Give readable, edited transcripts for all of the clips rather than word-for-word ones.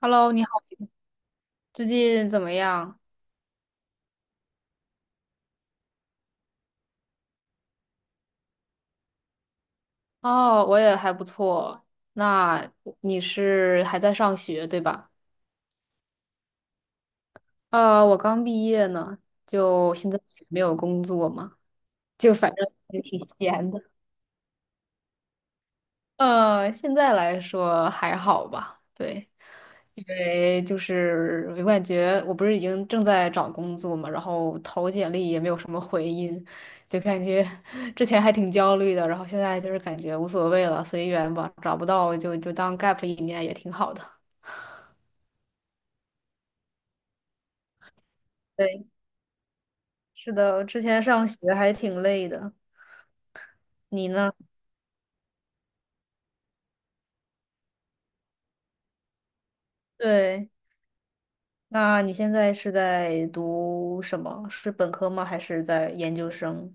Hello，你好，最近怎么样？哦，我也还不错。那你是还在上学，对吧？我刚毕业呢，就现在没有工作嘛，就反正也挺闲的。现在来说还好吧，对，因为就是我感觉我不是已经正在找工作嘛，然后投简历也没有什么回音，就感觉 之前还挺焦虑的，然后现在就是感觉无所谓了，随缘吧，找不到就当 gap 一年也挺好的。对，是的，我之前上学还挺累的。你呢？对，那你现在是在读什么？是本科吗？还是在研究生？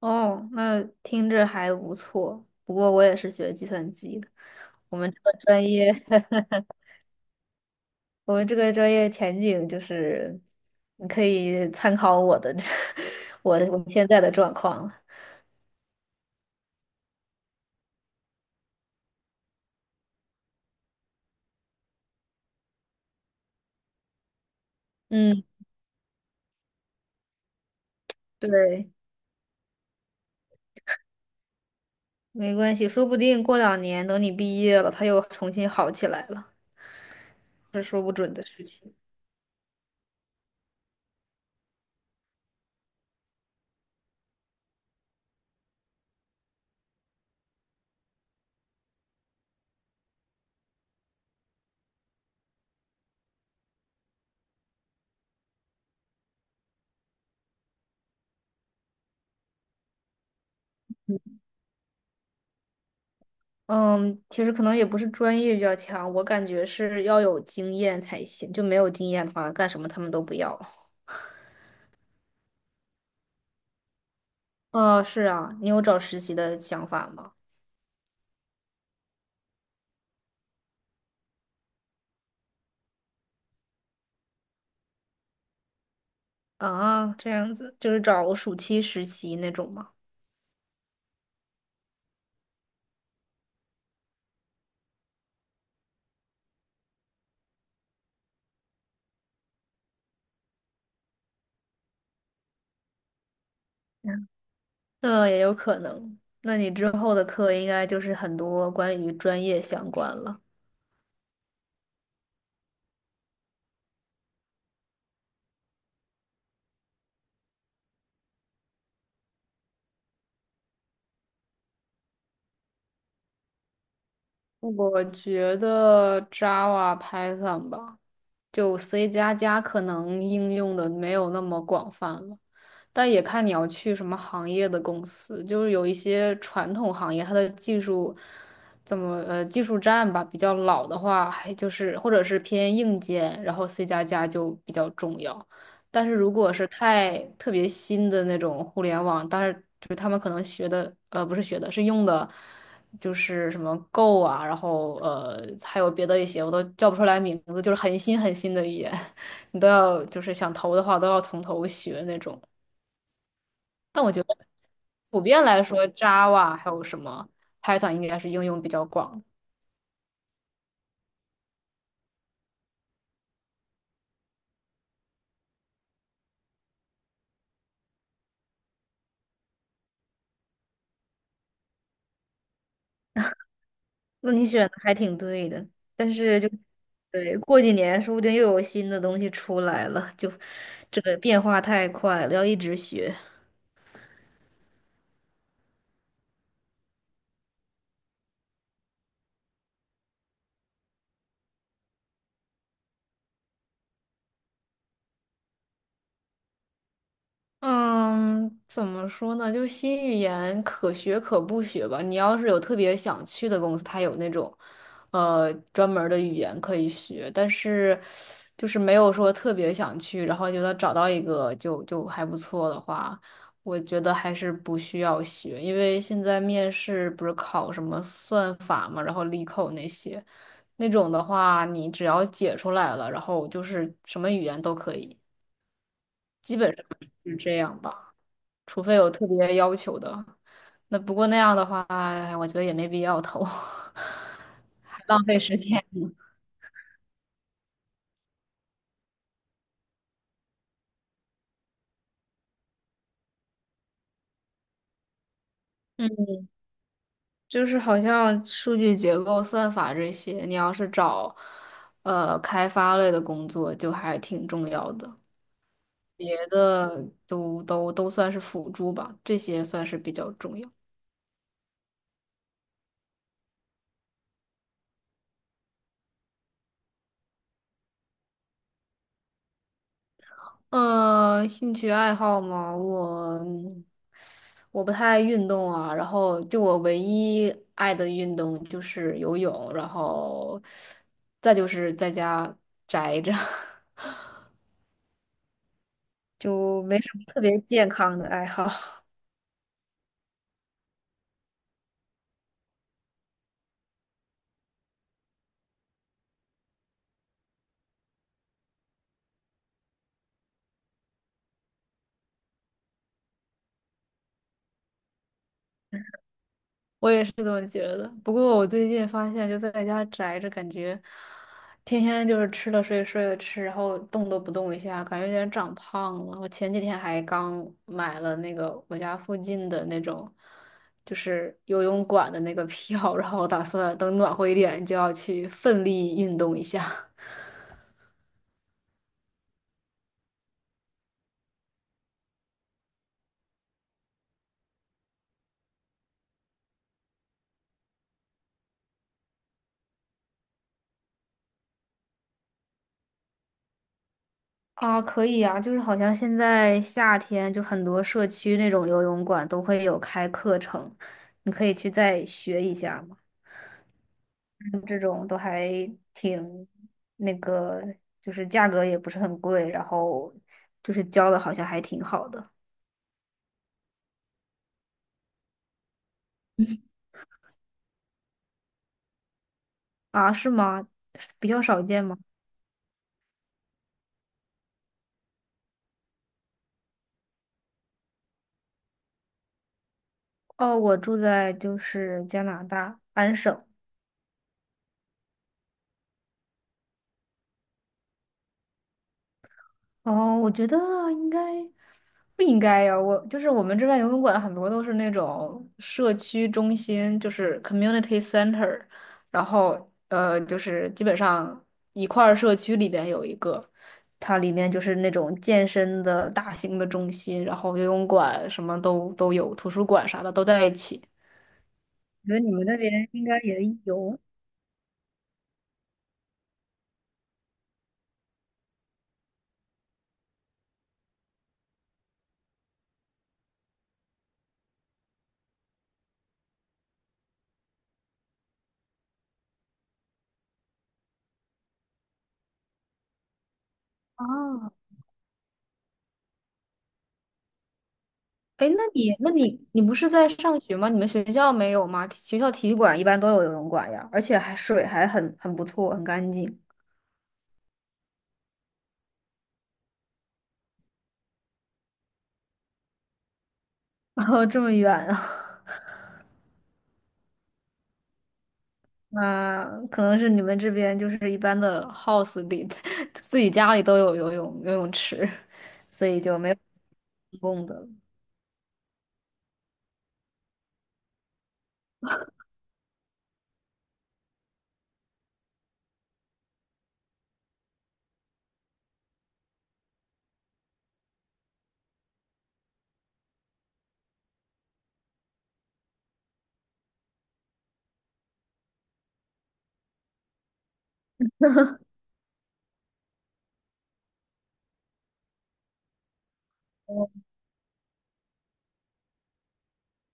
哦，那听着还不错。不过我也是学计算机的，我们这个专业，我们这个专业前景就是，你可以参考我的，我们现在的状况了嗯，对，没关系，说不定过2年等你毕业了，它又重新好起来了。嗯，其实可能也不是专业比较强，我感觉是要有经验才行，就没有经验的话，干什么他们都不要。哦，是啊，你有找实习的想法吗？啊，这样子就是找暑期实习那种吗？嗯，那也有可能。那你之后的课应该就是很多关于专业相关了。我觉得 Java、Python 吧，就 C 加加可能应用的没有那么广泛了，但也看你要去什么行业的公司，就是有一些传统行业，它的技术怎么技术栈吧比较老的话，还就是或者是偏硬件，然后 C 加加就比较重要。但是如果是太特别新的那种互联网，但是就是他们可能学的不是学的，是用的。就是什么 Go 啊，然后还有别的一些我都叫不出来名字，就是很新很新的语言，你都要就是想投的话都要从头学那种。但我觉得普遍来说，Java 还有什么 Python 应该是应用比较广的。那你选的还挺对的，但是就对，过几年说不定又有新的东西出来了，就这个变化太快了，要一直学。嗯，怎么说呢？就是新语言可学可不学吧。你要是有特别想去的公司，它有那种，专门儿的语言可以学，但是就是没有说特别想去，然后觉得找到一个就就还不错的话，我觉得还是不需要学，因为现在面试不是考什么算法嘛，然后力扣那些，那种的话，你只要解出来了，然后就是什么语言都可以，基本上是这样吧。除非有特别要求的。那不过那样的话，我觉得也没必要投，浪费时间。嗯，就是好像数据结构、算法这些，你要是找开发类的工作，就还挺重要的。别的都算是辅助吧，这些算是比较重要。兴趣爱好嘛，我不太爱运动啊，然后就我唯一爱的运动就是游泳，然后再就是在家宅着，就没什么特别健康的爱好。我也是这么觉得。不过我最近发现，就在家宅着，感觉天天就是吃了睡，睡了吃，然后动都不动一下，感觉有点长胖了。我前几天还刚买了那个我家附近的那种，就是游泳馆的那个票，然后我打算等暖和一点就要去奋力运动一下。啊，可以啊，就是好像现在夏天就很多社区那种游泳馆都会有开课程，你可以去再学一下。这种都还挺那个，就是价格也不是很贵，然后就是教的好像还挺好的啊，是吗？比较少见吗？哦，我住在就是加拿大安省，哦，我觉得应该不应该呀？我就是我们这边游泳馆很多都是那种社区中心，就是 community center，然后就是基本上一块儿社区里边有一个，它里面就是那种健身的大型的中心，然后游泳馆什么都有，图书馆啥的都在一起。我觉得你们那边应该也有啊。哎，那你不是在上学吗？你们学校没有吗？学校体育馆一般都有游泳馆呀，而且还水还很不错，很干净。然后这么远啊，那可能是你们这边就是一般的 house 里 自己家里都有游泳池，所以就没有公共的。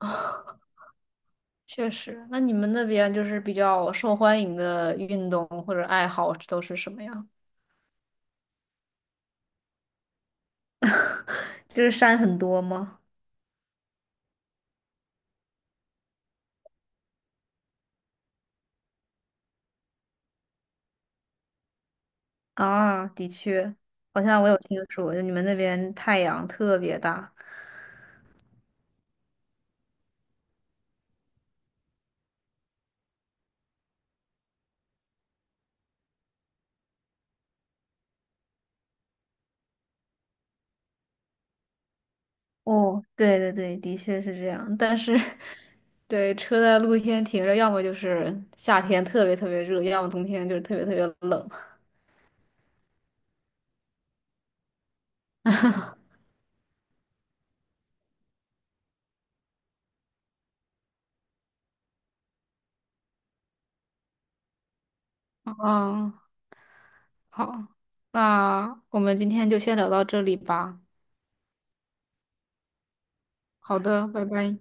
确实，那你们那边就是比较受欢迎的运动或者爱好都是什么呀？就是山很多吗？啊，的确，好像我有听说，就你们那边太阳特别大。哦，对对对，的确是这样。但是，对，车在露天停着，要么就是夏天特别特别热，要么冬天就是特别特别冷。啊，好，那我们今天就先聊到这里吧。好的，拜拜。